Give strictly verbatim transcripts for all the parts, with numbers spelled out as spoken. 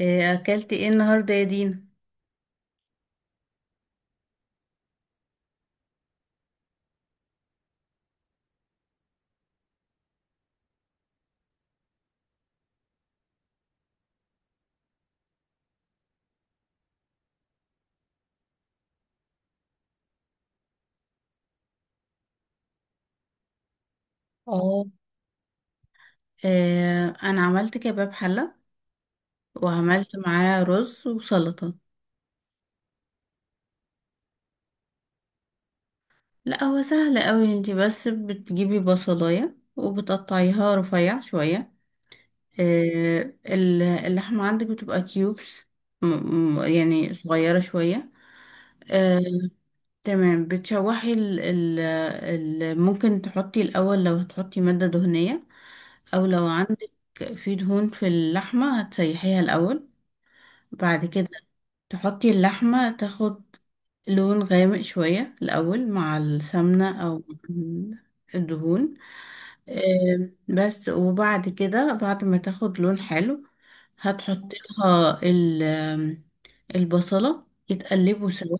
آه، اكلت ايه النهارده يا دينا؟ اه. آه، انا عملت كباب حله، وعملت معاه رز وسلطه. لا، هو سهل قوي، انتي بس بتجيبي بصلايه وبتقطعيها رفيع شويه. آه، ال- اللحمه عندك بتبقى كيوبس، م- م- يعني صغيره شويه. آه، تمام، بتشوحي ال ال ال ممكن تحطي الاول لو هتحطي ماده دهنيه، او لو عندك في دهون في اللحمه هتسيحيها الاول. بعد كده تحطي اللحمة تاخد لون غامق شوية الأول مع السمنة أو ال- الدهون. آم، بس وبعد كده بعد ما تاخد لون حلو هتحطي لها ال- آم، البصلة يتقلبوا سوا.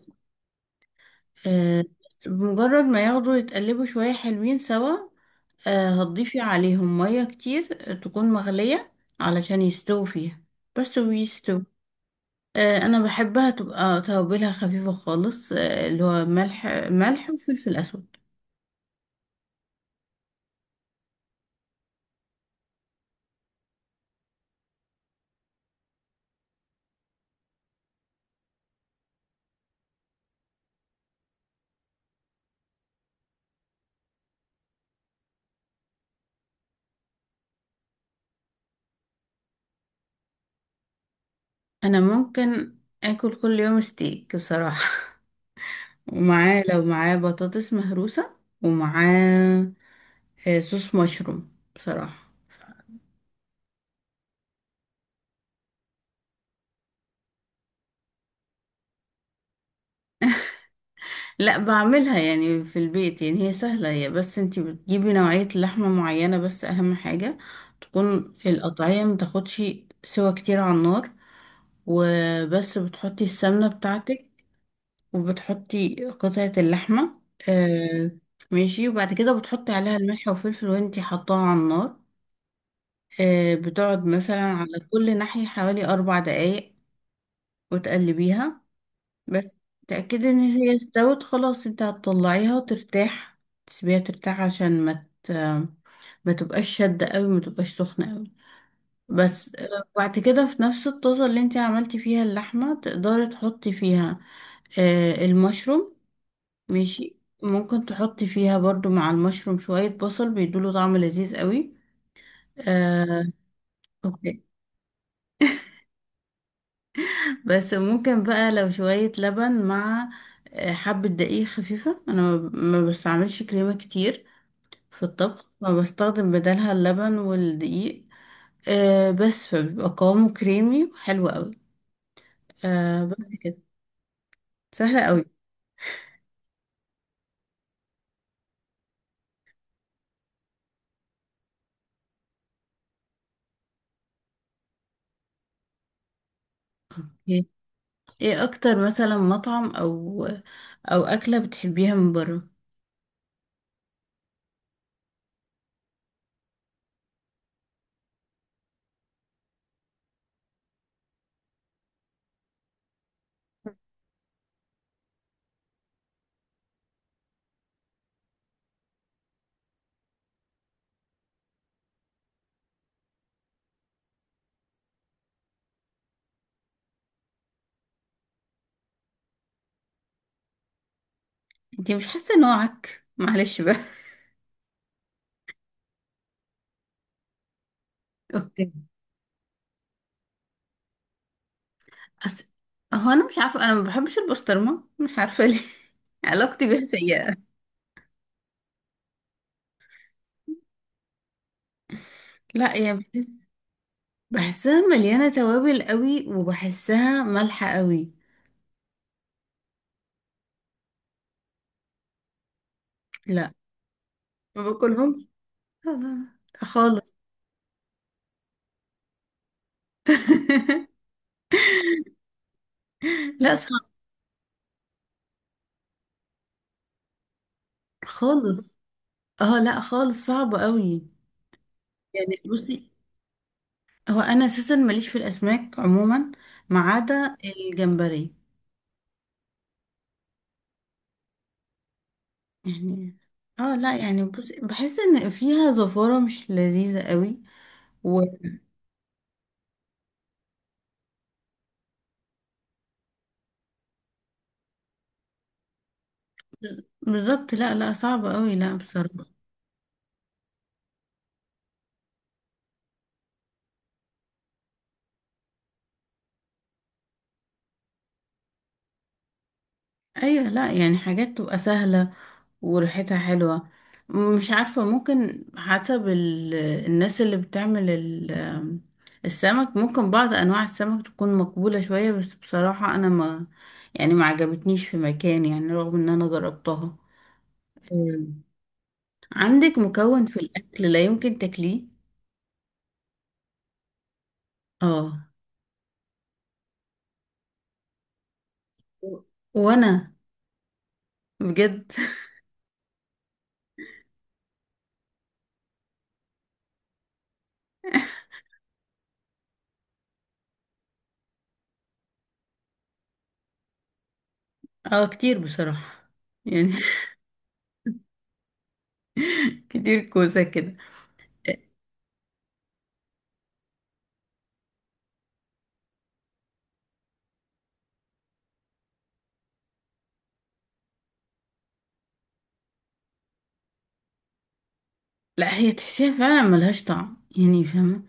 آم، بس بمجرد ما ياخدوا يتقلبوا شوية حلوين سوا، آه، هتضيفي عليهم مية كتير آه، تكون مغلية علشان يستووا فيها، بس ويستووا. آه، انا بحبها تبقى توابلها خفيفه خالص، آه، اللي هو ملح ملح وفلفل اسود. انا ممكن اكل كل يوم ستيك بصراحه. ومعاه لو معاه بطاطس مهروسه، ومعاه آه، صوص مشروم بصراحه. لا، بعملها يعني في البيت، يعني هي سهله، هي بس انتي بتجيبي نوعيه لحمه معينه، بس اهم حاجه تكون القطعيه متاخدش سوا كتير على النار، وبس بتحطي السمنه بتاعتك، وبتحطي قطعة اللحمة. آه ماشي، وبعد كده بتحطي عليها الملح والفلفل وانتي حطاها على النار. آه بتقعد مثلا على كل ناحية حوالي أربع دقايق، وتقلبيها بس. تأكدي إن هي استوت خلاص، انتي هتطلعيها وترتاح. تسيبيها ترتاح عشان ما ت... ما تبقاش شدة قوي، ما تبقاش سخنة قوي. بس آه، وبعد كده في نفس الطاسة اللي انتي عملتي فيها اللحمة تقدري تحطي فيها آه المشروم. ماشي، ممكن تحطي فيها برضو مع المشروم شوية بصل بيدوله طعم لذيذ قوي. آه، أوكي. بس ممكن بقى لو شوية لبن مع آه، حبة دقيق خفيفة. أنا ما ب- ما بستعملش كريمة كتير في الطبخ، فبستخدم بدلها اللبن والدقيق. آه، بس فبيبقى قوامه كريمي وحلو قوي. آه، بس كده، سهلة قوي. ايه؟ إيه اكتر، مثلا مطعم او او اكلة بتحبيها من بره؟ انتي مش حاسة نوعك؟ معلش بقى. اوكي. أس... هو انا مش عارفه، انا ما بحبش البسطرمه، مش عارفه ليه. علاقتي بيها سيئه. لا، يا بحس... بحسها مليانه توابل قوي، وبحسها مالحه قوي. لا، ما باكلهمش. لا، لا، لا، خالص. لا، صعب خالص. اه، لا، خالص صعب قوي. يعني، بصي، هو انا اساسا ماليش في الاسماك عموما، ما عدا الجمبري. يعني اه، لا يعني، بصي بحس ان فيها زفاره مش لذيذه قوي. بالظبط، لا، لا، صعبة قوي، لا بصراحة. ايوه، لا يعني حاجات تبقى سهلة وريحتها حلوة. مش عارفة، ممكن حسب ال... الناس اللي بتعمل ال... السمك، ممكن بعض انواع السمك تكون مقبولة شوية، بس بصراحة انا ما يعني ما عجبتنيش في مكان، يعني رغم ان انا جربتها. أمم. عندك مكون في الاكل لا يمكن تاكليه؟ اه. و- وانا بجد. اه، كتير بصراحة يعني. كتير كوسة كده. لا، هي تحسيها فعلا ملهاش طعم، يعني فاهمة؟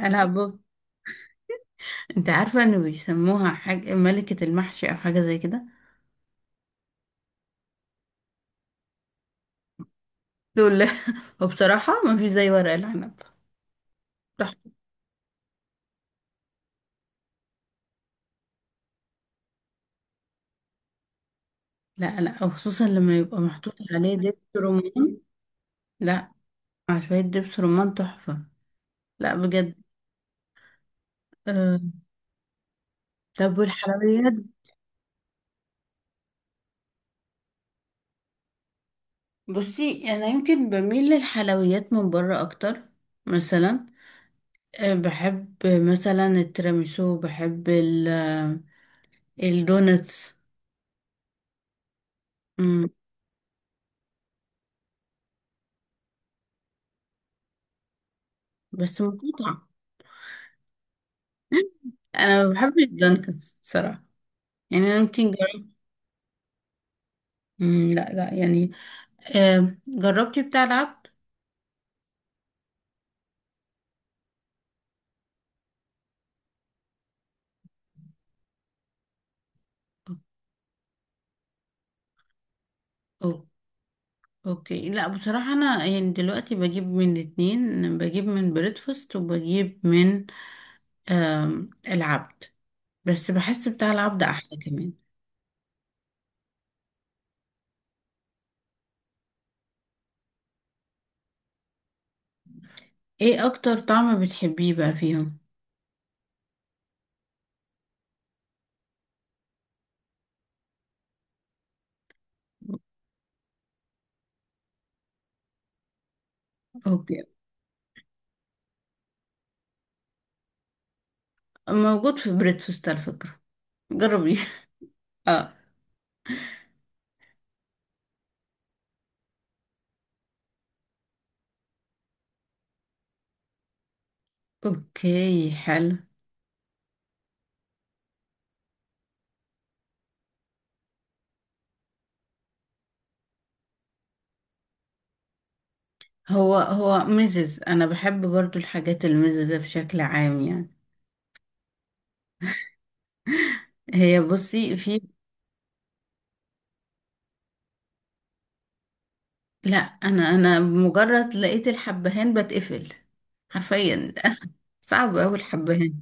أنا أبو. أنت عارفة إنه بيسموها حاجة ملكة المحشي، أو حاجة زي كده؟ دول، لا. وبصراحة ما فيش زي ورق العنب. صح. لا، لا، وخصوصا لما يبقى محطوط عليه دبس رمان. لا، مع شوية دبس رمان تحفة. لا بجد. أه. طب، والحلويات؟ بصي، أنا يمكن بميل للحلويات من بره أكتر. مثلا أه، بحب مثلا التيراميسو، بحب ال- آه، الدونتس. امم بس مقاطعة. انا بحب الدانكنز بصراحة. يعني انا يمكن جربت. امم لا، لا، يعني، آم، جربتي بتاع العبد؟ أو- اوكي، لا بصراحة، انا يعني دلوقتي بجيب من الاتنين، بجيب من بريدفاست، وبجيب من آم، العبد، بس بحس بتاع العبد احلى كمان. ايه اكتر طعم بتحبيه بقى فيهم؟ اوكي، موجود في بريدفاست على فكرة، جربي. اه. اوكي، حلو. هو هو ميزز، انا بحب برضو الحاجات الميززة بشكل عام يعني. هي بصي في. لا، انا انا مجرد لقيت الحبهان بتقفل حرفيا. صعب اوي الحبهان.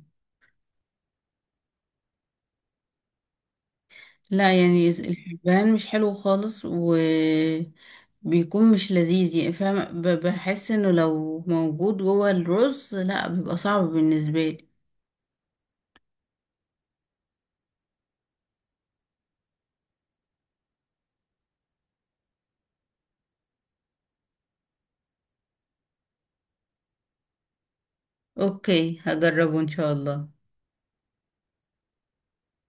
لا يعني، الحبهان مش حلو خالص، وبيكون مش لذيذ يعني، فاهم؟ ب- بحس انه لو موجود جوه الرز، لا بيبقى صعب بالنسبة لي. اوكي، هجربه ان شاء الله.